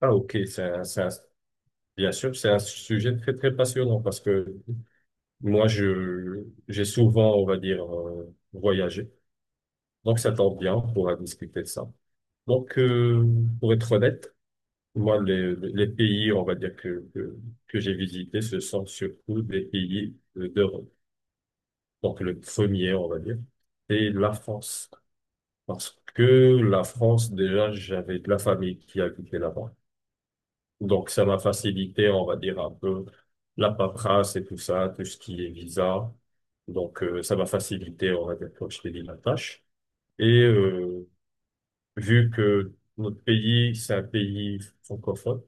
Ah, ok, bien sûr, c'est un sujet très, très passionnant parce que moi, j'ai souvent, on va dire, voyagé. Donc, ça tombe bien pour discuter de ça. Donc, pour être honnête, moi, les pays, on va dire, que j'ai visités, ce sont surtout des pays d'Europe. Donc, le premier, on va dire, c'est la France. Parce que la France, déjà, j'avais de la famille qui habitait là-bas. Donc, ça m'a facilité, on va dire, un peu la paperasse et tout ça, tout ce qui est visa. Donc, ça m'a facilité, on va dire, comme je t'ai dit, la tâche. Et vu que notre pays, c'est un pays francophone,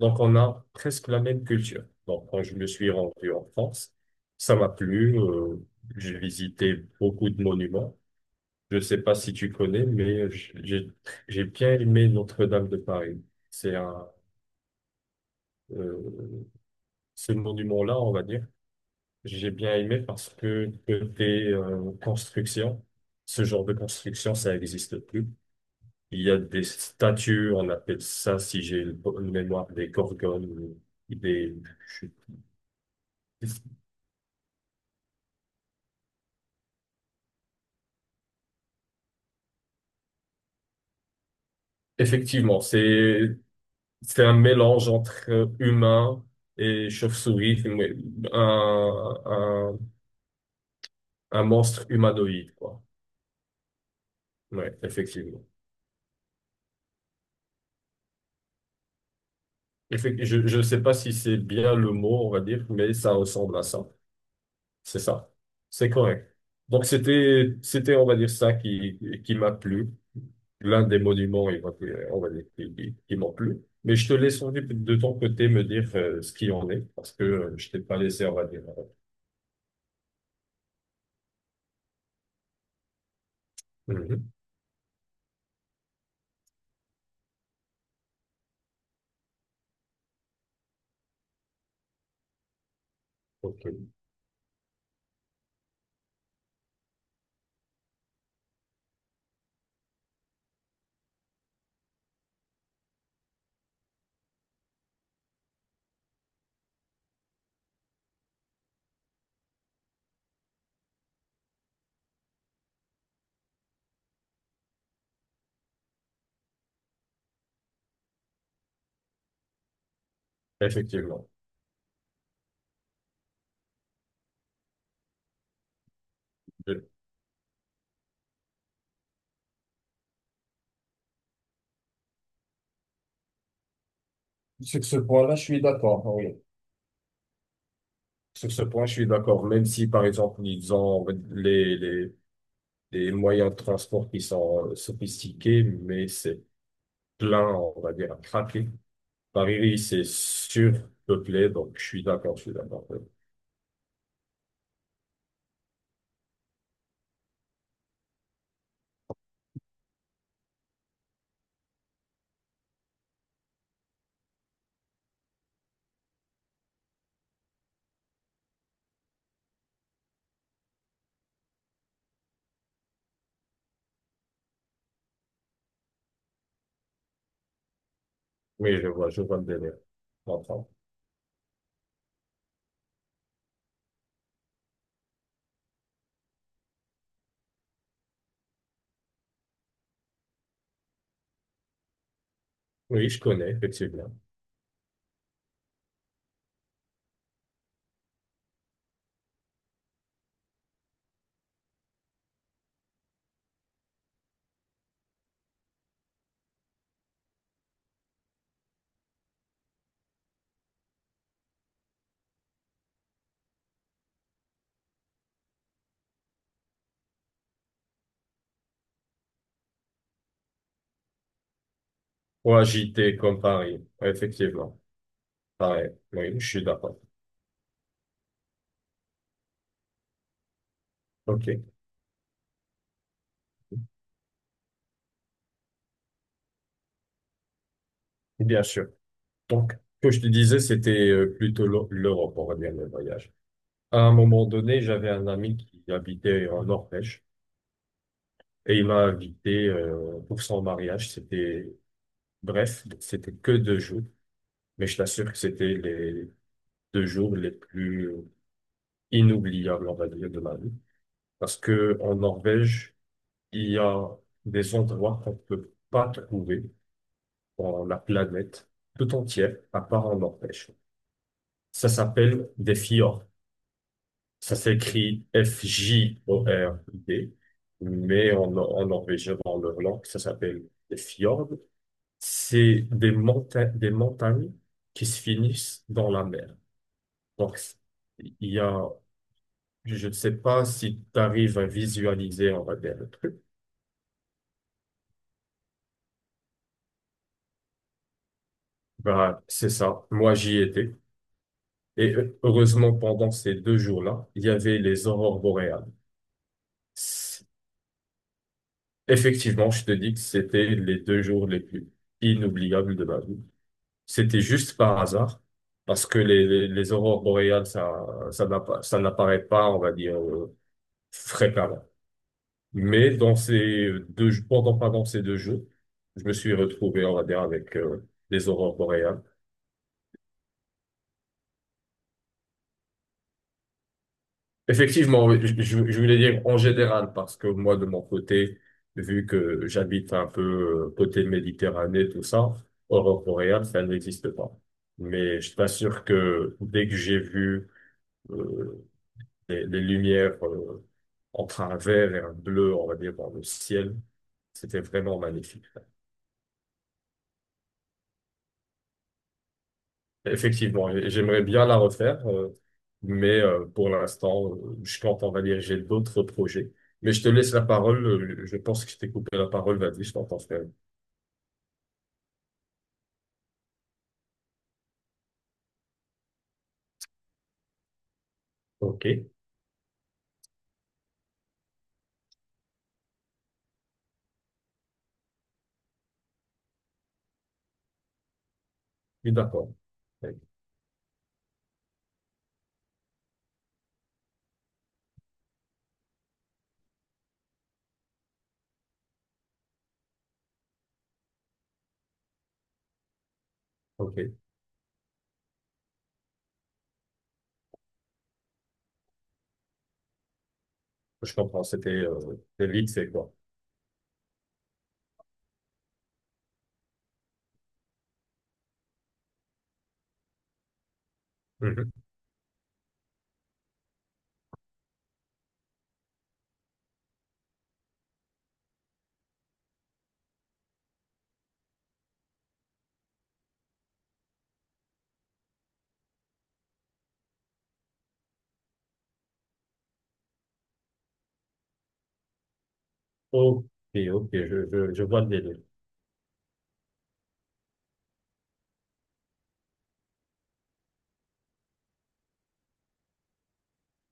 donc on a presque la même culture. Donc, quand je me suis rendu en France, ça m'a plu. J'ai visité beaucoup de monuments. Je sais pas si tu connais, mais j'ai bien aimé Notre-Dame de Paris. C'est un... euh, Ce monument-là, on va dire. J'ai bien aimé parce que côté construction, ce genre de construction, ça n'existe plus. Il y a des statues, on appelle ça, si j'ai une mémoire, des gorgones, ou des... Effectivement, c'est un mélange entre humain et chauve-souris, mais un, un, un monstre humanoïde, quoi. Ouais, effectivement. Je ne sais pas si c'est bien le mot, on va dire, mais ça ressemble à ça. C'est ça. C'est correct. Donc, c'était, on va dire, ça qui m'a plu. L'un des monuments, il m'a plu, on va dire, qui m'ont plu. Mais je te laisse on dit, de ton côté me dire ce qu'il en est, parce que je t'ai pas laissé, on va dire. Mhm. Ok. Effectivement. Je- Sur ce point-là, je suis d'accord. Oui. Sur ce point, je suis d'accord. Même si, par exemple, ils ont on va les moyens de transport qui sont sophistiqués, mais c'est plein, on va dire, à craquer. Paris, oui, c'est surpeuplé, donc je suis d'accord. Oui, oui, je vois le délire. Je comprends. Oui, je connais, effectivement. Ou agité comme Paris, effectivement. Pareil, oui, je suis d'accord. OK, bien sûr. Donc, ce que je te disais, c'était plutôt l'Europe, on va dire, le voyage. À un moment donné, j'avais un ami qui habitait en Norvège et il m'a invité pour son mariage. C'était bref, c'était que deux jours, mais je t'assure que c'était les deux jours les plus inoubliable, on va dire, de ma vie. Parce que en Norvège, il y a des endroits qu'on ne peut pas trouver dans la planète tout entière, à part en Norvège. Ça s'appelle des fjords. Ça s'écrit Fjord, mais en norvégien, dans leur langue, ça s'appelle des fjords. C'est des montagnes qui se finissent dans la mer. Donc, il y a, je ne sais pas si tu arrives à visualiser, on va dire, le truc. Bah, c'est ça. Moi, j'y étais. Et heureusement, pendant ces deux jours-là, il y avait les aurores boréales. C'est- Effectivement, je te dis que c'était les deux jours les plus inoubliables de ma vie. C'était juste par hasard, parce que les aurores boréales, ça n'apparaît pas, on va dire, fréquemment. Mais dans pendant ces deux jours, je me suis retrouvé, on va dire, avec les aurores boréales. Effectivement, oui, je voulais dire en général, parce que moi, de mon côté, vu que j'habite un peu côté Méditerranée, tout ça, Europe boréale, ça n'existe pas. Mais je t'assure que dès que j'ai vu euh, les lumières entre un vert et un bleu, on va dire, dans le ciel, c'était vraiment magnifique. Effectivement, et j'aimerais bien la refaire, mais pour l'instant, je compte, on va dire, j'ai d'autres projets. Mais je te laisse la parole, je pense que je t'ai coupé la parole, vas-y, je t'entends faire. Ok, oui, d'accord. Ouais, ok, je comprends, c'était le lead, c'est quoi? Mhm. Ok, ok, je vois le délire.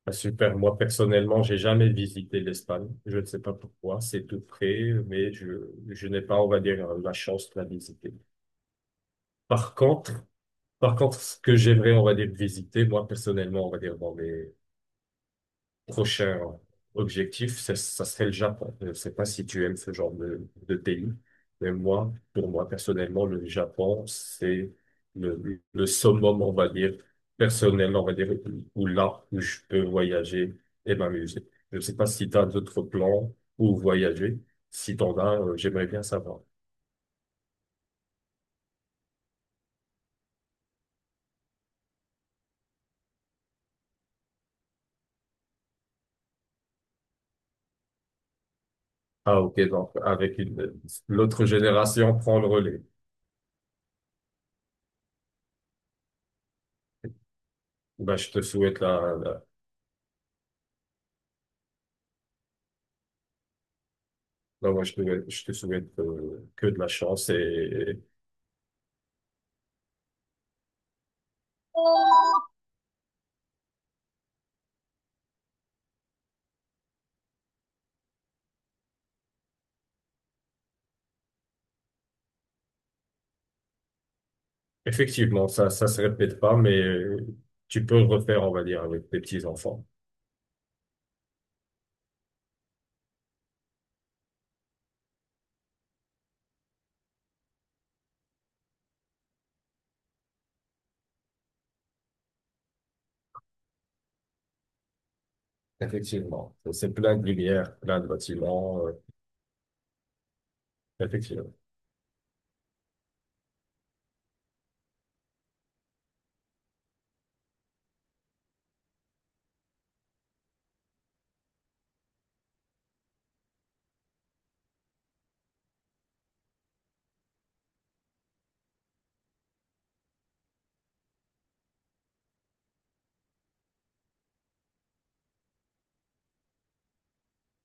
Ah, super, moi personnellement, j'ai jamais visité l'Espagne, je ne sais pas pourquoi, c'est tout près, je n'ai pas, on va dire, la chance de la visiter. Par contre, Par contre, ce que j'aimerais, on va dire, visiter, moi, personnellement, on va dire, dans mes prochains objectifs, ça serait le Japon. Je ne sais pas si tu aimes ce genre de pays, mais moi, pour moi, personnellement, le Japon, c'est le summum, on va dire, personnel, on va dire, où je peux voyager et m'amuser. Je ne sais pas si tu as d'autres plans ou voyager. Si t'en as, j'aimerais bien savoir. Ah, ok, donc, l'autre génération prend le relais. Bah je te souhaite la, la- Ben, moi, je te souhaite que de la chance et, effectivement, ça se répète pas, mais tu peux le refaire, on va dire, avec tes petits-enfants. Effectivement. C'est plein de lumière, plein de bâtiments. Effectivement.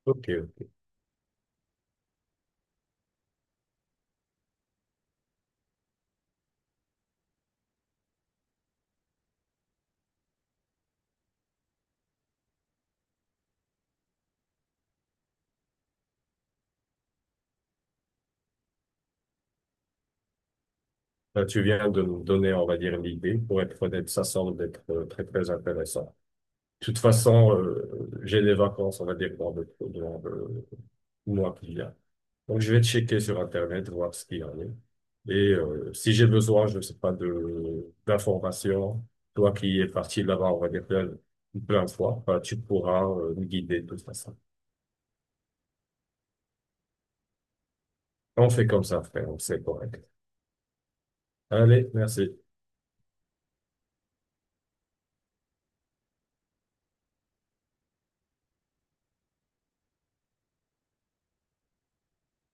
OK. Ben, tu viens de nous donner, on va dire, l'idée. Pour être honnête, ça semble être très, très intéressant. De toute façon, j'ai des vacances, on va dire, dans le mois qui vient. Donc, je vais checker sur Internet, voir ce qu'il y en a. Et si j'ai besoin, je ne sais pas, de d'informations, toi qui es parti là-bas, on va dire plein, plein de fois, bah, tu pourras me guider de toute façon. On fait comme ça, frère, c'est correct. Allez, merci.